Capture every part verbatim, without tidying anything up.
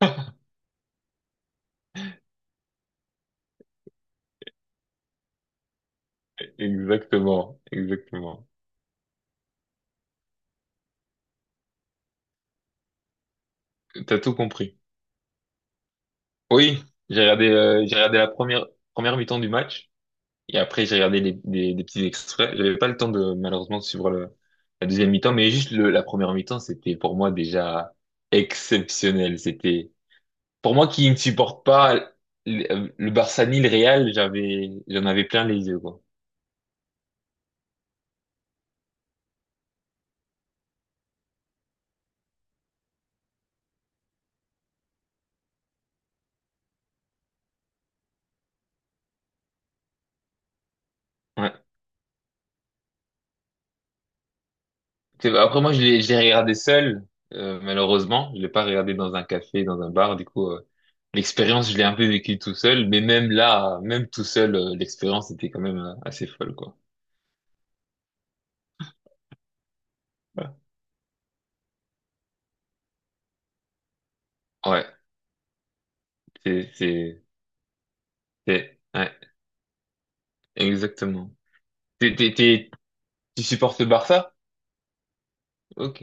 Exactement, exactement. T'as tout compris. Oui, j'ai regardé, euh, j'ai regardé la première première mi-temps du match et après j'ai regardé les- des, des petits extraits. J'avais pas le temps de malheureusement de suivre le- la deuxième mi-temps, mais juste le, la première mi-temps c'était pour moi déjà exceptionnel. C'était pour moi qui ne supporte pas le, le Barça ni le Real, j'avais j'en avais plein les yeux quoi. Ouais. C'est- Après, moi, je l'ai, je regardé seul, euh, malheureusement. Je l'ai pas regardé dans un café, dans un bar. Du coup, euh, l'expérience, je l'ai un peu vécue tout seul. Mais même là, même tout seul, euh, l'expérience était quand même euh, assez folle, quoi. Ouais, c'est, c'est, c'est, ouais, exactement. T'es, t'es, t'es- tu supportes le Barça? Ok.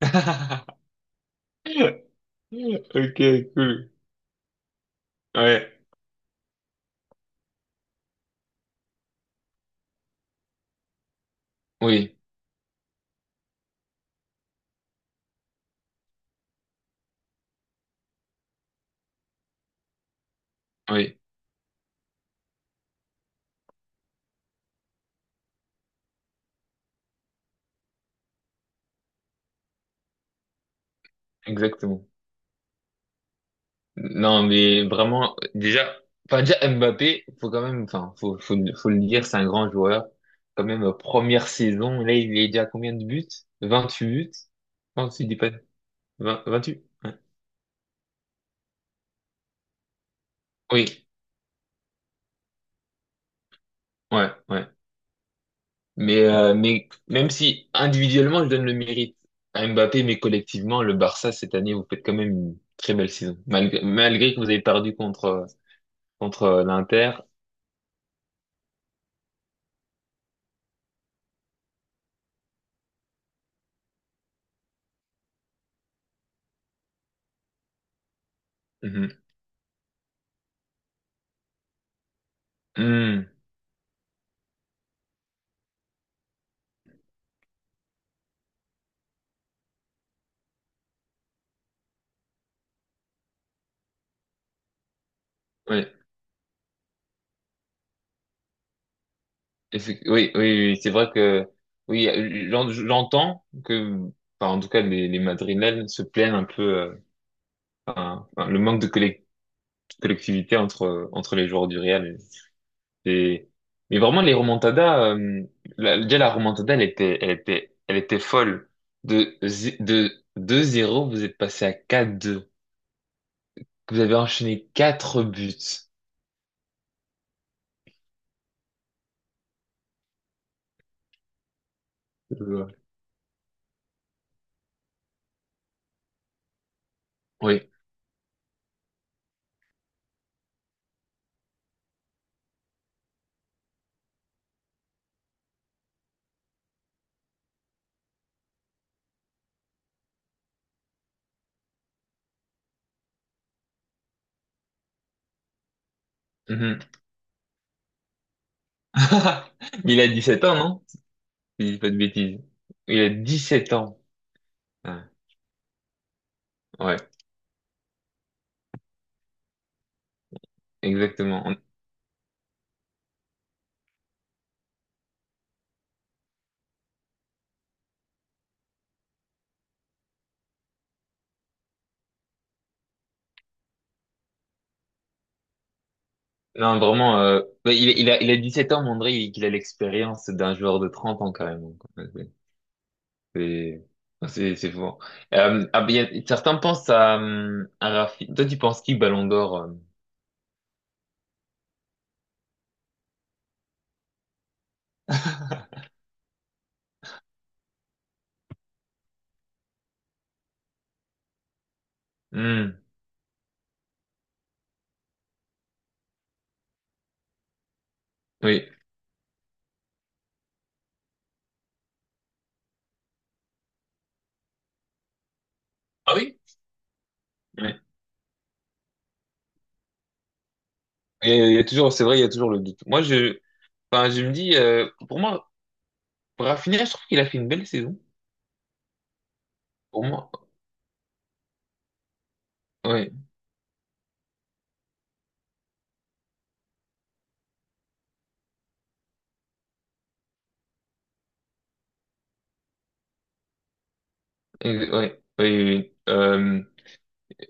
Ok, cool. Ouais, oui, oui, exactement. Non, mais vraiment, déjà, enfin, déjà, Mbappé, faut quand même, enfin, faut, faut, faut le dire, c'est un grand joueur. Quand même, euh, première saison, là, il est déjà à combien de buts? vingt-huit buts? Non, si je dis pas, vingt vingt-huit? Ouais. Oui, ouais, ouais. Mais, euh, mais même si individuellement, je donne le mérite à Mbappé, mais collectivement, le Barça, cette année, vous faites quand même une très belle saison. Malgré, malgré que vous avez perdu contre, contre l'Inter. Mhm. Mhm. Ouais. Effe- Oui, oui, oui, oui, c'est vrai que oui, j'en- j'entends que, enfin, en tout cas, les, les Madrilènes se plaignent un peu, euh, enfin, enfin, le manque de collec- collectivité entre entre les joueurs du Real. Et, mais vraiment, les remontadas, euh, la- déjà la remontada, elle était, elle était, elle était folle. De zi- de deux zéro vous êtes passé à quatre deux. Vous avez enchaîné quatre buts. Euh, Oui. Mhm. Mais il a dix-sept ans, non? Si je dis pas de bêtises. Il a dix sept ans. Ah. Ouais, exactement. On- Non, vraiment, euh, mais il, il a, il a dix-sept ans, mais on dirait qu'il qu'il a l'expérience d'un joueur de trente ans, carrément, quoi. C'est, c'est, enfin, c'est c'est fou. Euh, ah, ben, il y a- certains pensent à, hum, à Rafi. Toi, tu penses qui, Ballon d'Or? Euh. Hmm, oui. Ah oui? Ouais. Et il y a toujours, c'est vrai, il y a toujours le doute. Moi, je, enfin, je me dis, euh, pour moi, Rafinha, je trouve qu'il a fait une belle saison. Pour moi, ouais. Euh, ouais, oui, oui, oui. Euh,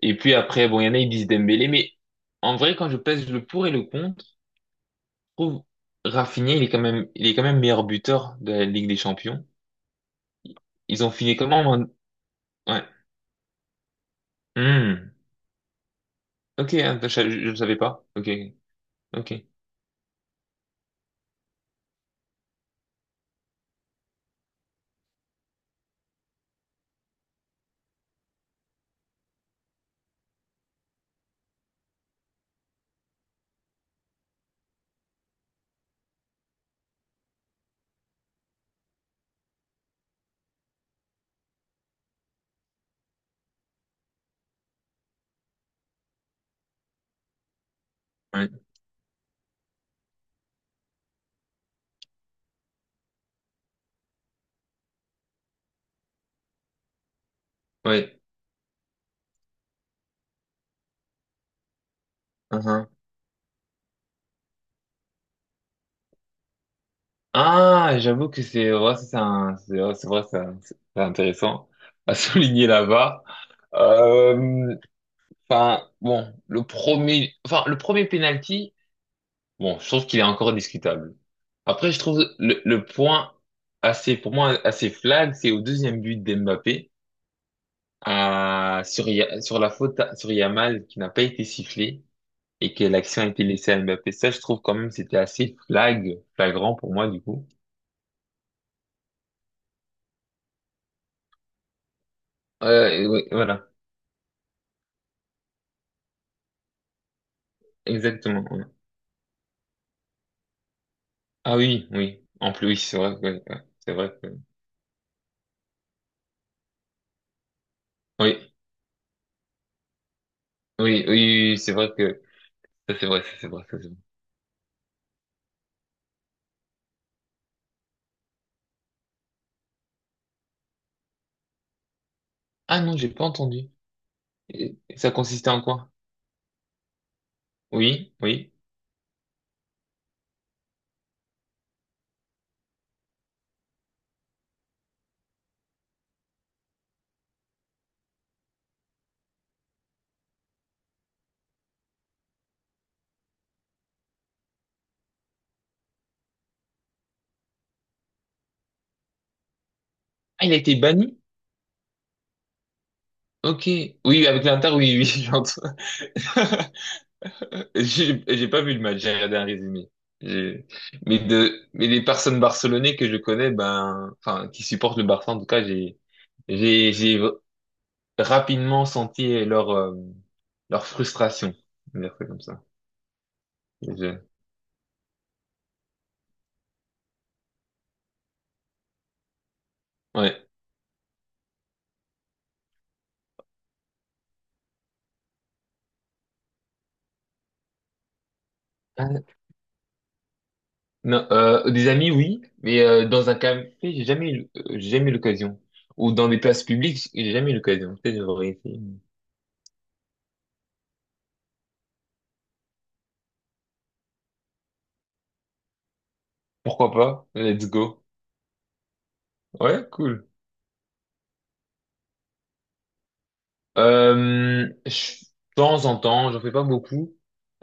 et puis après, bon, il y en a, ils disent Dembélé, mais en vrai, quand je pèse le pour et le contre, je trouve Rafinha, il est quand même, il est quand même meilleur buteur de la Ligue des Champions. Ils ont fini comment? En-. Ouais. Hmm. Ok, hein, je, ne savais pas. Ok, ok. Ouais, ouais. Uhum. Ah, j'avoue que c'est, ouais, ça, c'est un, c'est ouais, c'est vrai, c'est un- c'est intéressant à souligner là-bas. Euh, enfin, bon, le premier, enfin, le premier penalty. Bon, je trouve qu'il est encore discutable. Après, je trouve le, le point assez, pour moi, assez flag, c'est au deuxième but d'Mbappé, à, sur, Ya- sur la faute à- sur Yamal qui n'a pas été sifflé et que l'action a été laissée à Mbappé. Ça, je trouve quand même c'était assez flag, flagrant pour moi, du coup. Euh, et oui, voilà, exactement, ouais. Ah oui, oui. En plus, oui, c'est vrai que, ouais, ouais, c'est vrai que, oui, oui, oui, oui, oui, c'est vrai que, ça c'est vrai, ça c'est vrai, ça c'est vrai. Ah non, j'ai pas entendu. Et- et ça consistait en quoi? Oui, oui. Ah, il a été banni? Ok. Oui, avec l'Inter, oui, oui, j'entends. J'ai j'ai pas vu le match, j'ai regardé un résumé. J'ai-. Mais de, mais les personnes barcelonaises que je connais, ben, enfin, qui supportent le Barça, en tout cas, j'ai, j'ai, j'ai rapidement senti leur, euh, leur frustration. On va dire ça comme ça. Je-. Ouais. Ah, Non, euh, des amis, oui, mais euh, dans un café, j'ai jamais eu, euh, j'ai jamais eu l'occasion. Ou dans des places publiques, j'ai jamais eu l'occasion. Peut-être que j'aurais essayé. Pourquoi pas? Let's go. Ouais, cool. Euh, je- de temps en temps, j'en fais pas beaucoup.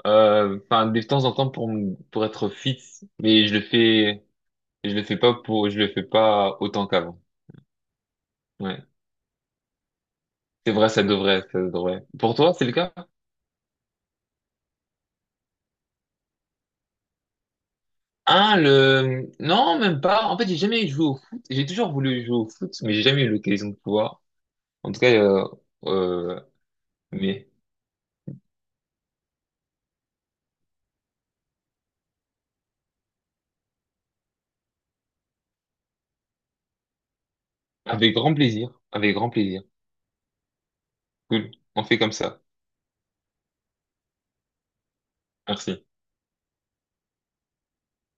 Euh, Enfin, de temps en temps pour me- pour être fit, mais je le fais, je le fais pas pour, je le fais pas autant qu'avant. Ouais, c'est vrai, ça devrait, ça devrait. Pour toi, c'est le cas? Ah, le, non, même pas. En fait, j'ai jamais joué au foot. J'ai toujours voulu jouer au foot, mais j'ai jamais eu l'occasion de pouvoir. En tout cas, euh, euh, mais avec grand plaisir, avec grand plaisir. Cool. On fait comme ça. Merci.